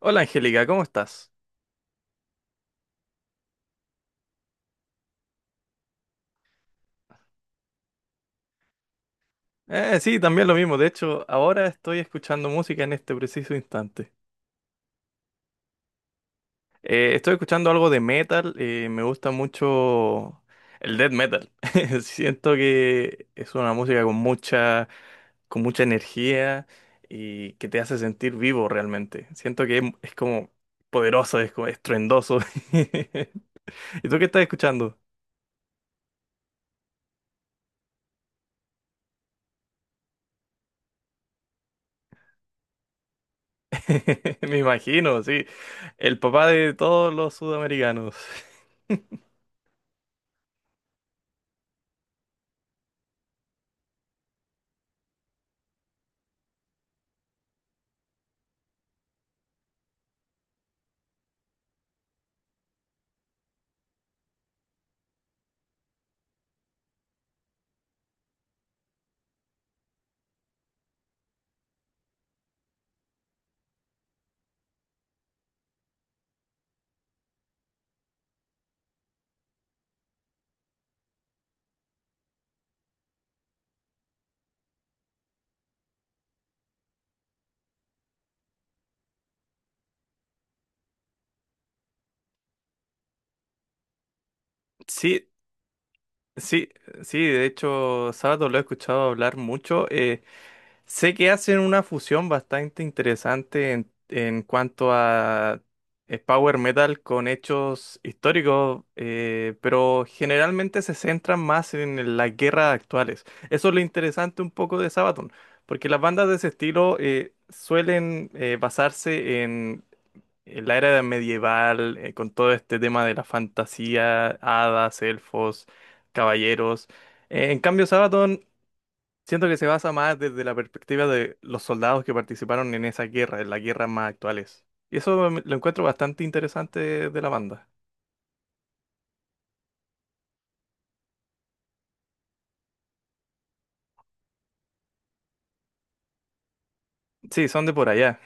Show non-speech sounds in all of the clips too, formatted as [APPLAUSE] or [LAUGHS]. Hola Angélica, ¿cómo estás? Sí, también lo mismo. De hecho, ahora estoy escuchando música en este preciso instante. Estoy escuchando algo de metal. Me gusta mucho el death metal. [LAUGHS] Siento que es una música con mucha energía y que te hace sentir vivo realmente. Siento que es como poderoso, es como estruendoso. [LAUGHS] ¿Y tú qué estás escuchando? [LAUGHS] Me imagino, sí. El papá de todos los sudamericanos. [LAUGHS] Sí, sí, sí, de hecho, Sábado lo he escuchado hablar mucho. Sé que hacen una fusión bastante interesante en cuanto a power metal con hechos históricos, pero generalmente se centran más en las guerras actuales. Eso es lo interesante un poco de Sabaton, porque las bandas de ese estilo suelen basarse la era medieval, con todo este tema de la fantasía, hadas, elfos, caballeros. En cambio, Sabaton siento que se basa más desde la perspectiva de los soldados que participaron en esa guerra, en las guerras más actuales. Y lo encuentro bastante interesante de la banda. Sí, son de por allá.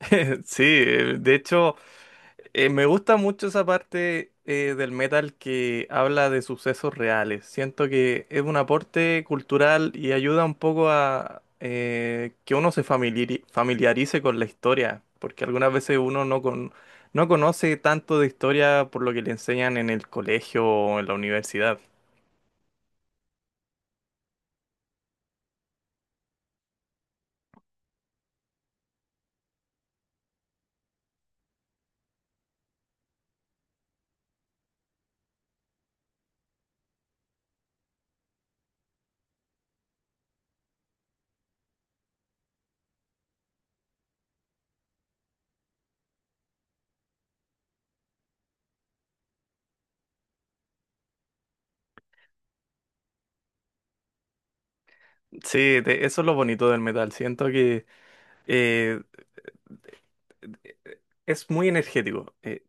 [LAUGHS] Sí, de hecho. Me gusta mucho esa parte del metal que habla de sucesos reales. Siento que es un aporte cultural y ayuda un poco a que uno se familiarice con la historia, porque algunas veces uno no, con- no conoce tanto de historia por lo que le enseñan en el colegio o en la universidad. Sí, eso es lo bonito del metal. Siento que eh, es muy energético.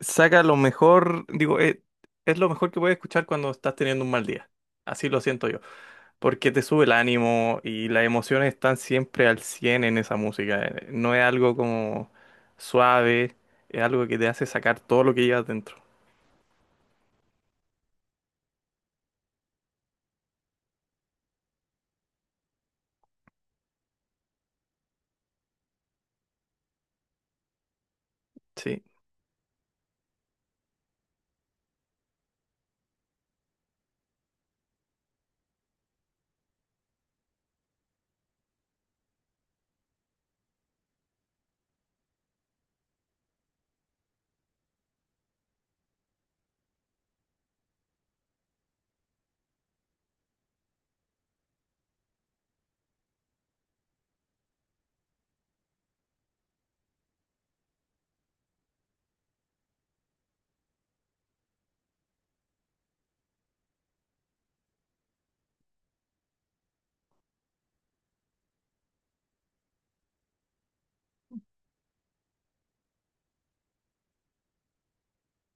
Saca lo mejor, digo, es lo mejor que puedes escuchar cuando estás teniendo un mal día. Así lo siento yo, porque te sube el ánimo y las emociones están siempre al 100 en esa música. No es algo como suave, es algo que te hace sacar todo lo que llevas dentro. Sí.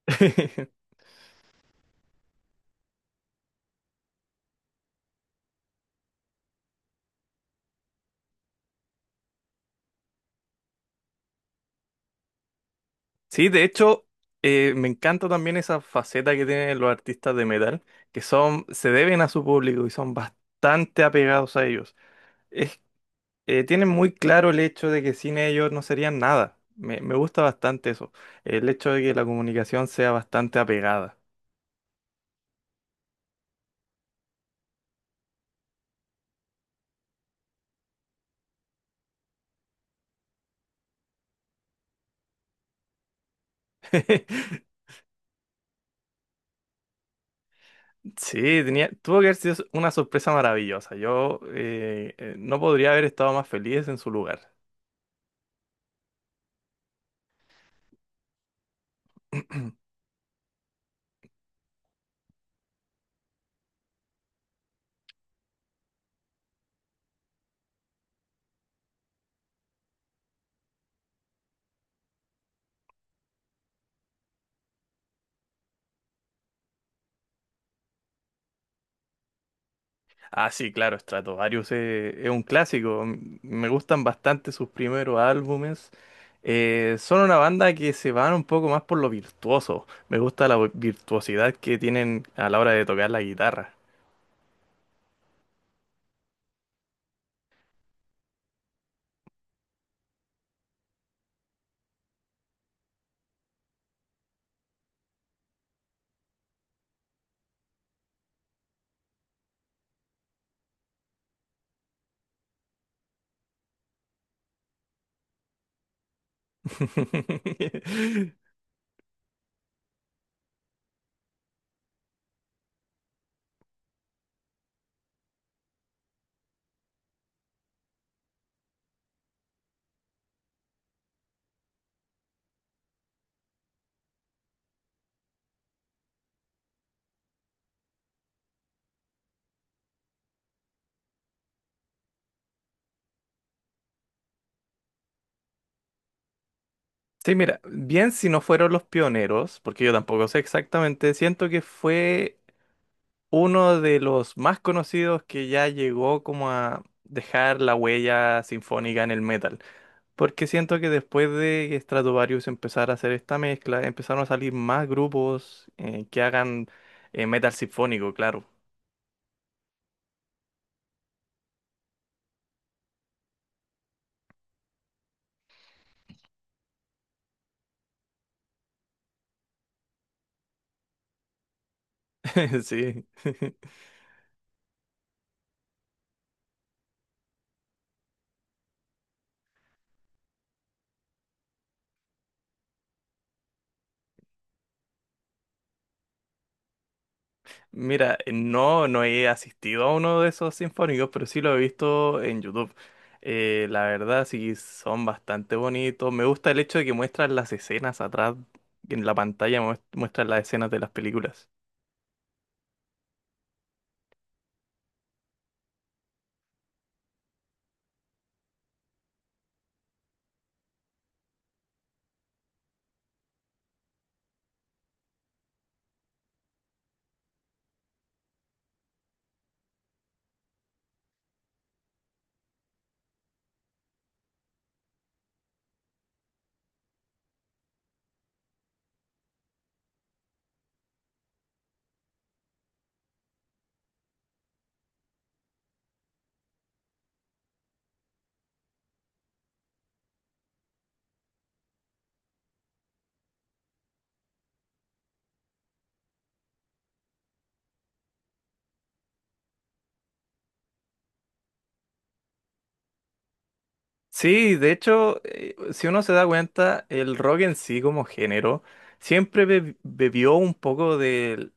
[LAUGHS] Sí, de hecho, me encanta también esa faceta que tienen los artistas de metal, se deben a su público y son bastante apegados a ellos. Tienen muy claro el hecho de que sin ellos no serían nada. Me gusta bastante eso, el hecho de que la comunicación sea bastante apegada. [LAUGHS] Sí, tenía, tuvo que haber sido una sorpresa maravillosa. Yo no podría haber estado más feliz en su lugar. [CLEARS THROAT] Ah, sí, claro, es un clásico. Me gustan bastante sus primeros álbumes. Son una banda que se van un poco más por lo virtuoso. Me gusta la virtuosidad que tienen a la hora de tocar la guitarra. [LAUGHS] Sí, mira, bien si no fueron los pioneros, porque yo tampoco sé exactamente, siento que fue uno de los más conocidos que ya llegó como a dejar la huella sinfónica en el metal, porque siento que después de que Stratovarius empezara a hacer esta mezcla, empezaron a salir más grupos que hagan metal sinfónico, claro. [LAUGHS] Sí. Mira, no, no he asistido a uno de esos sinfónicos, pero sí lo he visto en YouTube. La verdad, sí, son bastante bonitos. Me gusta el hecho de que muestran las escenas atrás, en la pantalla muestran las escenas de las películas. Sí, de hecho, si uno se da cuenta, el rock en sí como género siempre bebió un poco del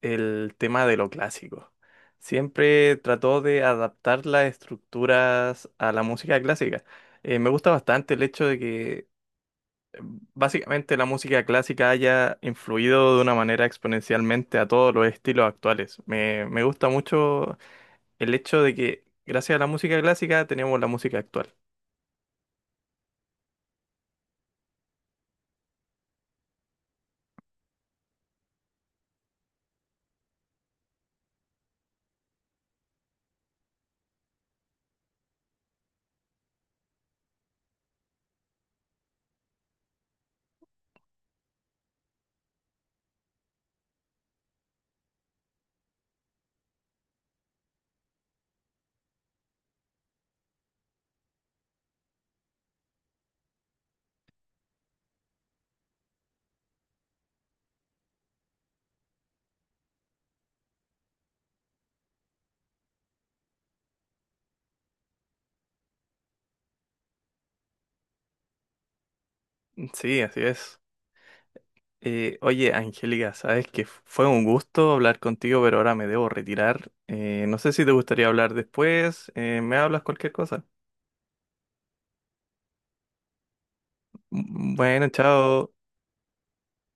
el tema de lo clásico. Siempre trató de adaptar las estructuras a la música clásica. Me gusta bastante el hecho de que eh, básicamente la música clásica haya influido de una manera exponencialmente a todos los estilos actuales. Me gusta mucho el hecho de que gracias a la música clásica tenemos la música actual. Sí, así es. Oye, Angélica, sabes que fue un gusto hablar contigo, pero ahora me debo retirar. No sé si te gustaría hablar después. Me hablas cualquier cosa. M- Bueno, chao.